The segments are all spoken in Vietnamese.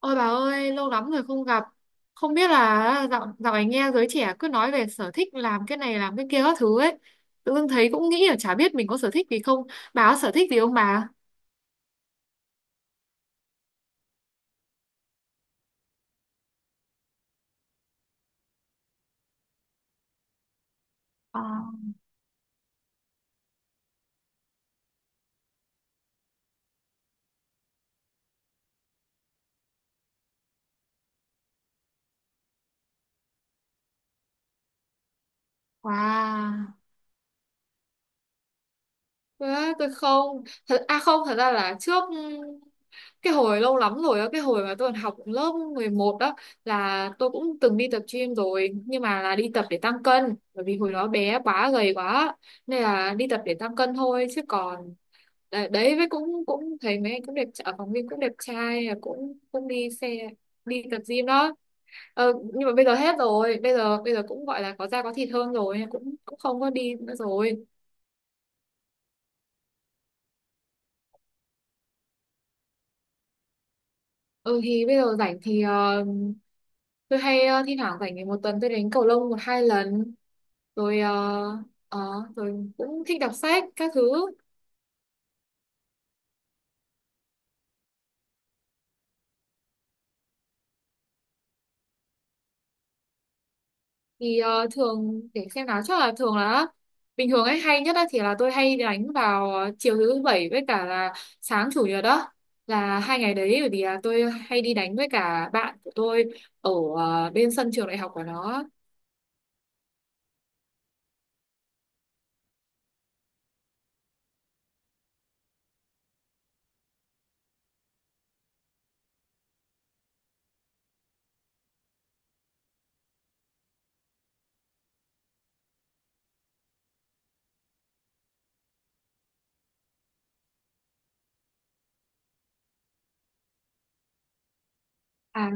Ôi bà ơi, lâu lắm rồi không gặp. Không biết là dạo này nghe giới trẻ cứ nói về sở thích làm cái này làm cái kia các thứ ấy. Tự dưng thấy cũng nghĩ là chả biết mình có sở thích gì không. Bà có sở thích gì không bà? Ờ, Wow. Đấy, tôi không thật à không thật ra là trước cái hồi lâu lắm rồi á, cái hồi mà tôi còn học lớp 11 đó, là tôi cũng từng đi tập gym rồi, nhưng mà là đi tập để tăng cân, bởi vì hồi đó bé quá, gầy quá, nên là đi tập để tăng cân thôi. Chứ còn đấy với cũng cũng thấy mấy anh cũng ở phòng gym cũng đẹp trai, cũng cũng đi xe đi tập gym đó. Ờ, nhưng mà bây giờ hết rồi, bây giờ cũng gọi là có da có thịt hơn rồi, cũng cũng không có đi nữa rồi. Ừ thì bây giờ rảnh thì tôi hay thi thoảng rảnh thì một tuần tôi đánh cầu lông một hai lần, rồi ờ, rồi cũng thích đọc sách các thứ. Thì thường để xem nào, chắc là thường là bình thường ấy hay nhất á, thì là tôi hay đánh vào chiều thứ bảy với cả là sáng chủ nhật đó, là hai ngày đấy, bởi vì là tôi hay đi đánh với cả bạn của tôi ở bên sân trường đại học của nó. À,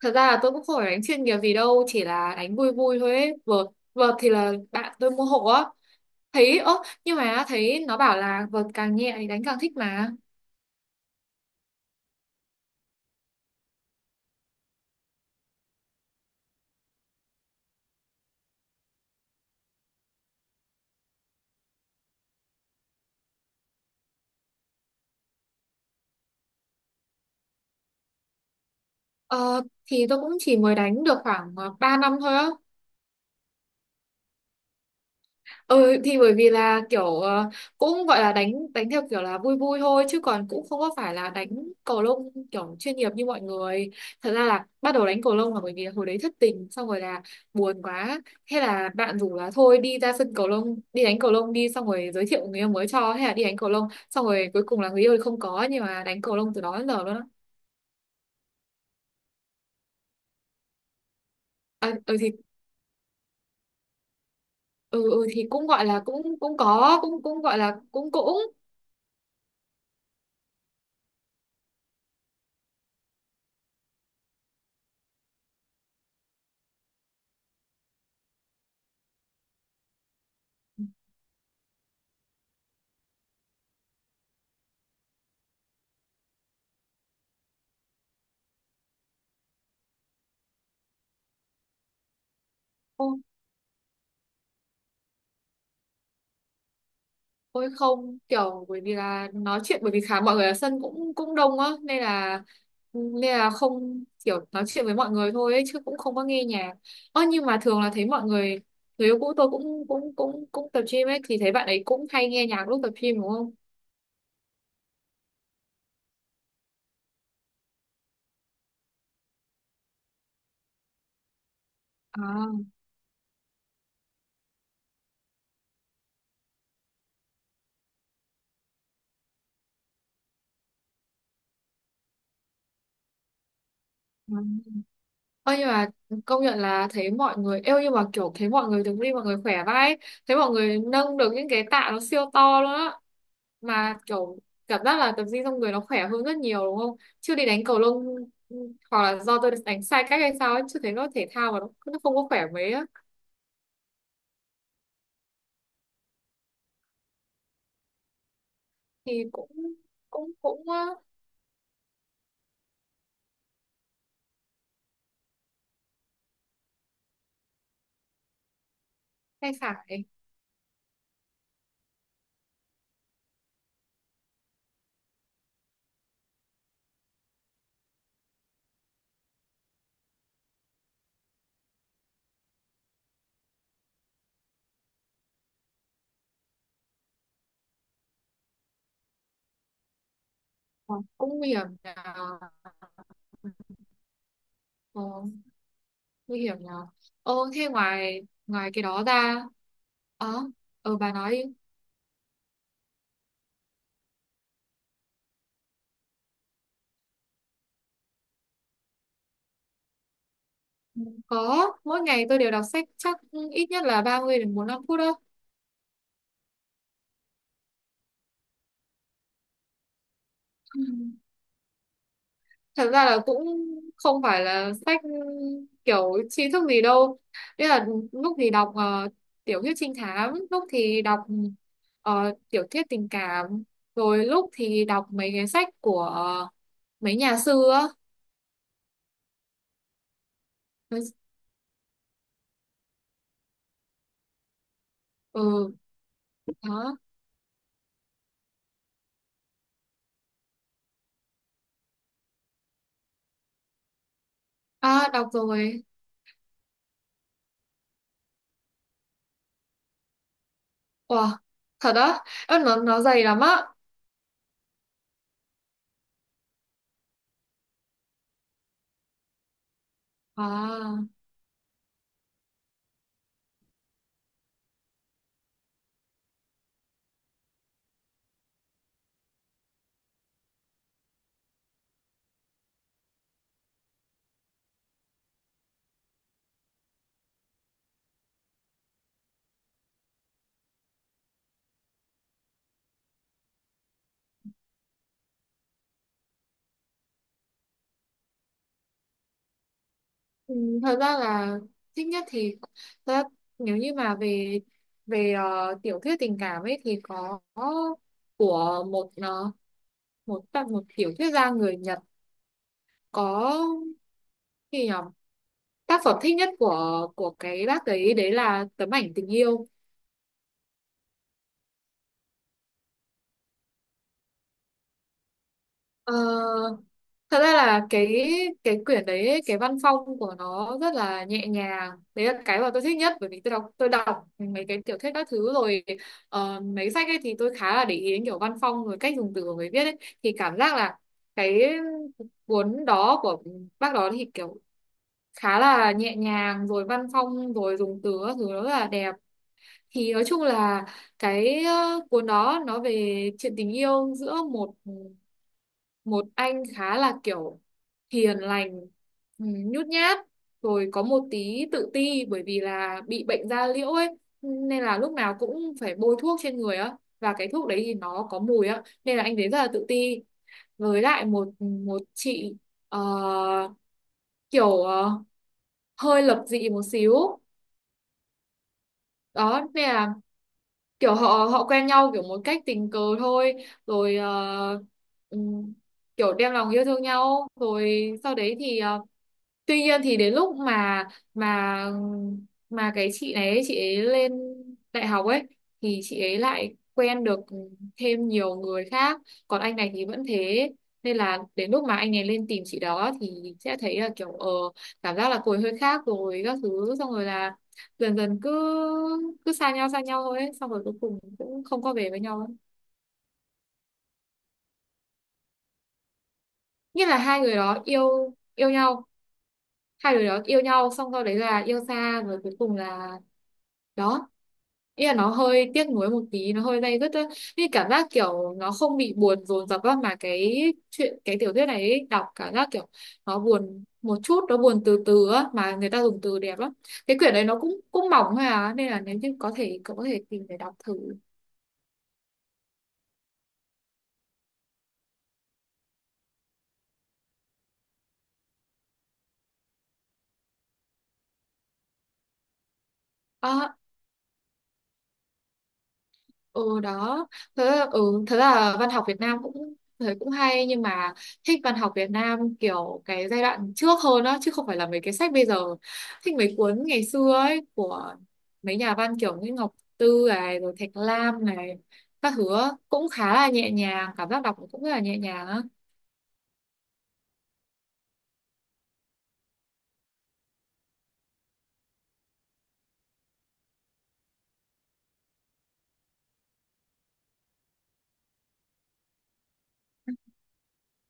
thật ra là tôi cũng không phải đánh chuyên nghiệp gì đâu, chỉ là đánh vui vui thôi ấy. Vợt thì là bạn tôi mua hộ á. Thấy, ơ, nhưng mà thấy nó bảo là vợt càng nhẹ thì đánh càng thích mà. Ờ, thì tôi cũng chỉ mới đánh được khoảng 3 năm thôi á. Ừ thì bởi vì là kiểu cũng gọi là đánh đánh theo kiểu là vui vui thôi, chứ còn cũng không có phải là đánh cầu lông kiểu chuyên nghiệp như mọi người. Thật ra là bắt đầu đánh cầu lông là bởi vì hồi đấy thất tình, xong rồi là buồn quá. Thế là bạn rủ là thôi đi ra sân cầu lông, đi đánh cầu lông đi, xong rồi giới thiệu người yêu mới cho, hay là đi đánh cầu lông. Xong rồi cuối cùng là người yêu thì không có, nhưng mà đánh cầu lông từ đó đến giờ luôn á. À, ừ thì ừ, ừ thì cũng gọi là cũng cũng có cũng cũng gọi là cũng cũng. Ôi không, kiểu bởi vì là nói chuyện, bởi vì khá mọi người ở sân cũng cũng đông á, nên là không kiểu, nói chuyện với mọi người thôi ấy, chứ cũng không có nghe nhạc. Ơ nhưng mà thường là thấy mọi người, người yêu cũ tôi cũng cũng cũng cũng tập gym ấy, thì thấy bạn ấy cũng hay nghe nhạc lúc tập gym đúng không? À, vâng. Ơ nhưng mà công nhận là thấy mọi người yêu nhưng mà kiểu thấy mọi người đứng đi mọi người khỏe vãi ấy. Thấy mọi người nâng được những cái tạ nó siêu to luôn á, mà kiểu cảm giác là tập gym trong người nó khỏe hơn rất nhiều đúng không, chứ đi đánh cầu lông ừ, hoặc là do tôi đánh sai cách hay sao ấy, chứ thấy nó thể thao mà nó không có khỏe mấy á. Thì cũng cũng cũng hay phải. Ờ, cũng nguy hiểm là, ờ, nguy hiểm là. Thế ngoài, ngoài cái đó ra. ờ bà nói đi. Có, mỗi ngày tôi đều đọc sách chắc ít nhất là 30 đến 45 phút đó. Ừ. Thật ra là cũng không phải là sách kiểu tri thức gì đâu. Đấy là lúc thì đọc tiểu thuyết trinh thám, lúc thì đọc tiểu thuyết tình cảm, rồi lúc thì đọc mấy cái sách của mấy nhà sư á. Ừ, đó. À, đọc rồi. Wow, thật á? Ơ, nó dày lắm á. À. Ừ, thật ra là thích nhất thì, thật ra nếu như mà về về ờ, tiểu thuyết tình cảm ấy thì có của một một tác một tiểu thuyết gia người Nhật, có gì nhỉ, tác phẩm thích nhất của cái bác ấy đấy là Tấm Ảnh Tình Yêu. Ờ, thật ra là cái quyển đấy ấy, cái văn phong của nó rất là nhẹ nhàng. Đấy là cái mà tôi thích nhất, bởi vì tôi đọc mấy cái tiểu thuyết các thứ rồi, mấy sách ấy thì tôi khá là để ý đến kiểu văn phong rồi cách dùng từ của người viết ấy, thì cảm giác là cái cuốn đó của bác đó thì kiểu khá là nhẹ nhàng, rồi văn phong rồi dùng từ các thứ nó rất là đẹp. Thì nói chung là cái cuốn đó nó về chuyện tình yêu giữa một một anh khá là kiểu hiền lành, ừ, nhút nhát, rồi có một tí tự ti bởi vì là bị bệnh da liễu ấy, nên là lúc nào cũng phải bôi thuốc trên người á, và cái thuốc đấy thì nó có mùi á, nên là anh thấy rất là tự ti. Với lại một một chị ờ, kiểu ờ, hơi lập dị một xíu đó, nên là kiểu họ họ quen nhau kiểu một cách tình cờ thôi, rồi ừm, kiểu đem lòng yêu thương nhau, rồi sau đấy thì tuy nhiên thì đến lúc mà mà cái chị này ấy, chị ấy lên đại học ấy, thì chị ấy lại quen được thêm nhiều người khác, còn anh này thì vẫn thế, nên là đến lúc mà anh ấy lên tìm chị đó thì sẽ thấy là kiểu cảm giác là cô ấy hơi khác rồi các thứ, xong rồi là dần dần cứ cứ xa nhau thôi ấy. Xong rồi cuối cùng cũng không có về với nhau ấy. Như là hai người đó yêu yêu nhau, hai người đó yêu nhau xong sau đấy là yêu xa, rồi cuối cùng là đó. Ý là nó hơi tiếc nuối một tí, nó hơi day dứt ấy. Như cảm giác kiểu nó không bị buồn dồn dập á, mà cái chuyện cái tiểu thuyết này ấy, đọc cảm giác kiểu nó buồn một chút, nó buồn từ từ á, mà người ta dùng từ đẹp lắm. Cái quyển đấy nó cũng cũng mỏng thôi à, nên là nếu như có thể cậu có thể tìm để đọc thử. À, ừ đó. Thế, ừ, thế là văn học Việt Nam cũng thấy cũng hay, nhưng mà thích văn học Việt Nam kiểu cái giai đoạn trước hơn đó, chứ không phải là mấy cái sách bây giờ. Thích mấy cuốn ngày xưa ấy của mấy nhà văn kiểu như Ngọc Tư này, rồi Thạch Lam này, các thứ á. Cũng khá là nhẹ nhàng, cảm giác đọc cũng rất là nhẹ nhàng á.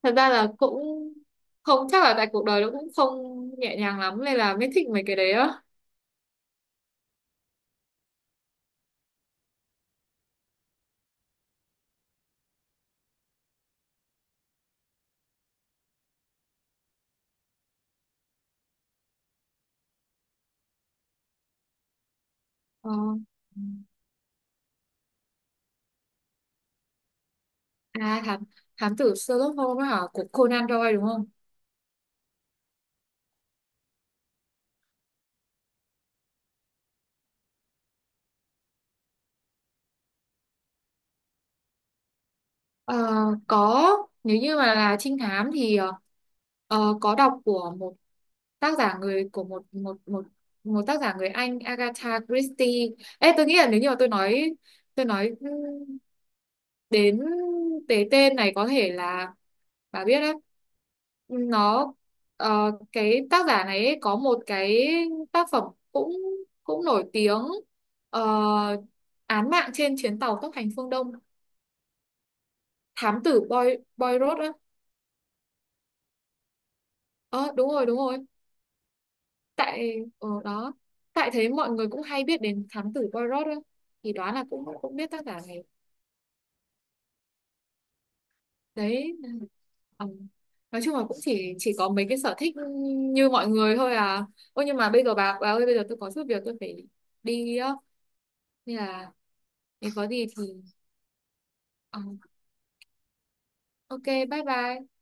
Thật ra là cũng không, chắc là tại cuộc đời nó cũng không nhẹ nhàng lắm, nên là mới thích mấy cái đấy á. Ờ. À thám, thám tử Sherlock Holmes á hả, của Conan Doyle đúng không? Ờ, có, nếu như mà là trinh thám thì có đọc của tác giả người của một một một một tác giả người Anh Agatha Christie. Ê, tôi nghĩ là nếu như mà tôi nói đến cái tên này có thể là bà biết đấy. Nó cái tác giả này ấy có một cái tác phẩm cũng cũng nổi tiếng, ờ, Án Mạng Trên Chuyến Tàu Tốc Hành Phương Đông, thám tử Boy, Boy Rod. Ờ đúng rồi đúng rồi, tại ở đó, tại thế mọi người cũng hay biết đến thám tử Poirot ấy. Thì đoán là cũng cũng biết tác giả này. Đấy, ờ. Nói chung là cũng chỉ có mấy cái sở thích như mọi người thôi à. Ôi nhưng mà bây giờ bà ơi, bây giờ tôi có chút việc tôi phải đi á, nên là nếu có gì thì ờ, ok, bye bye.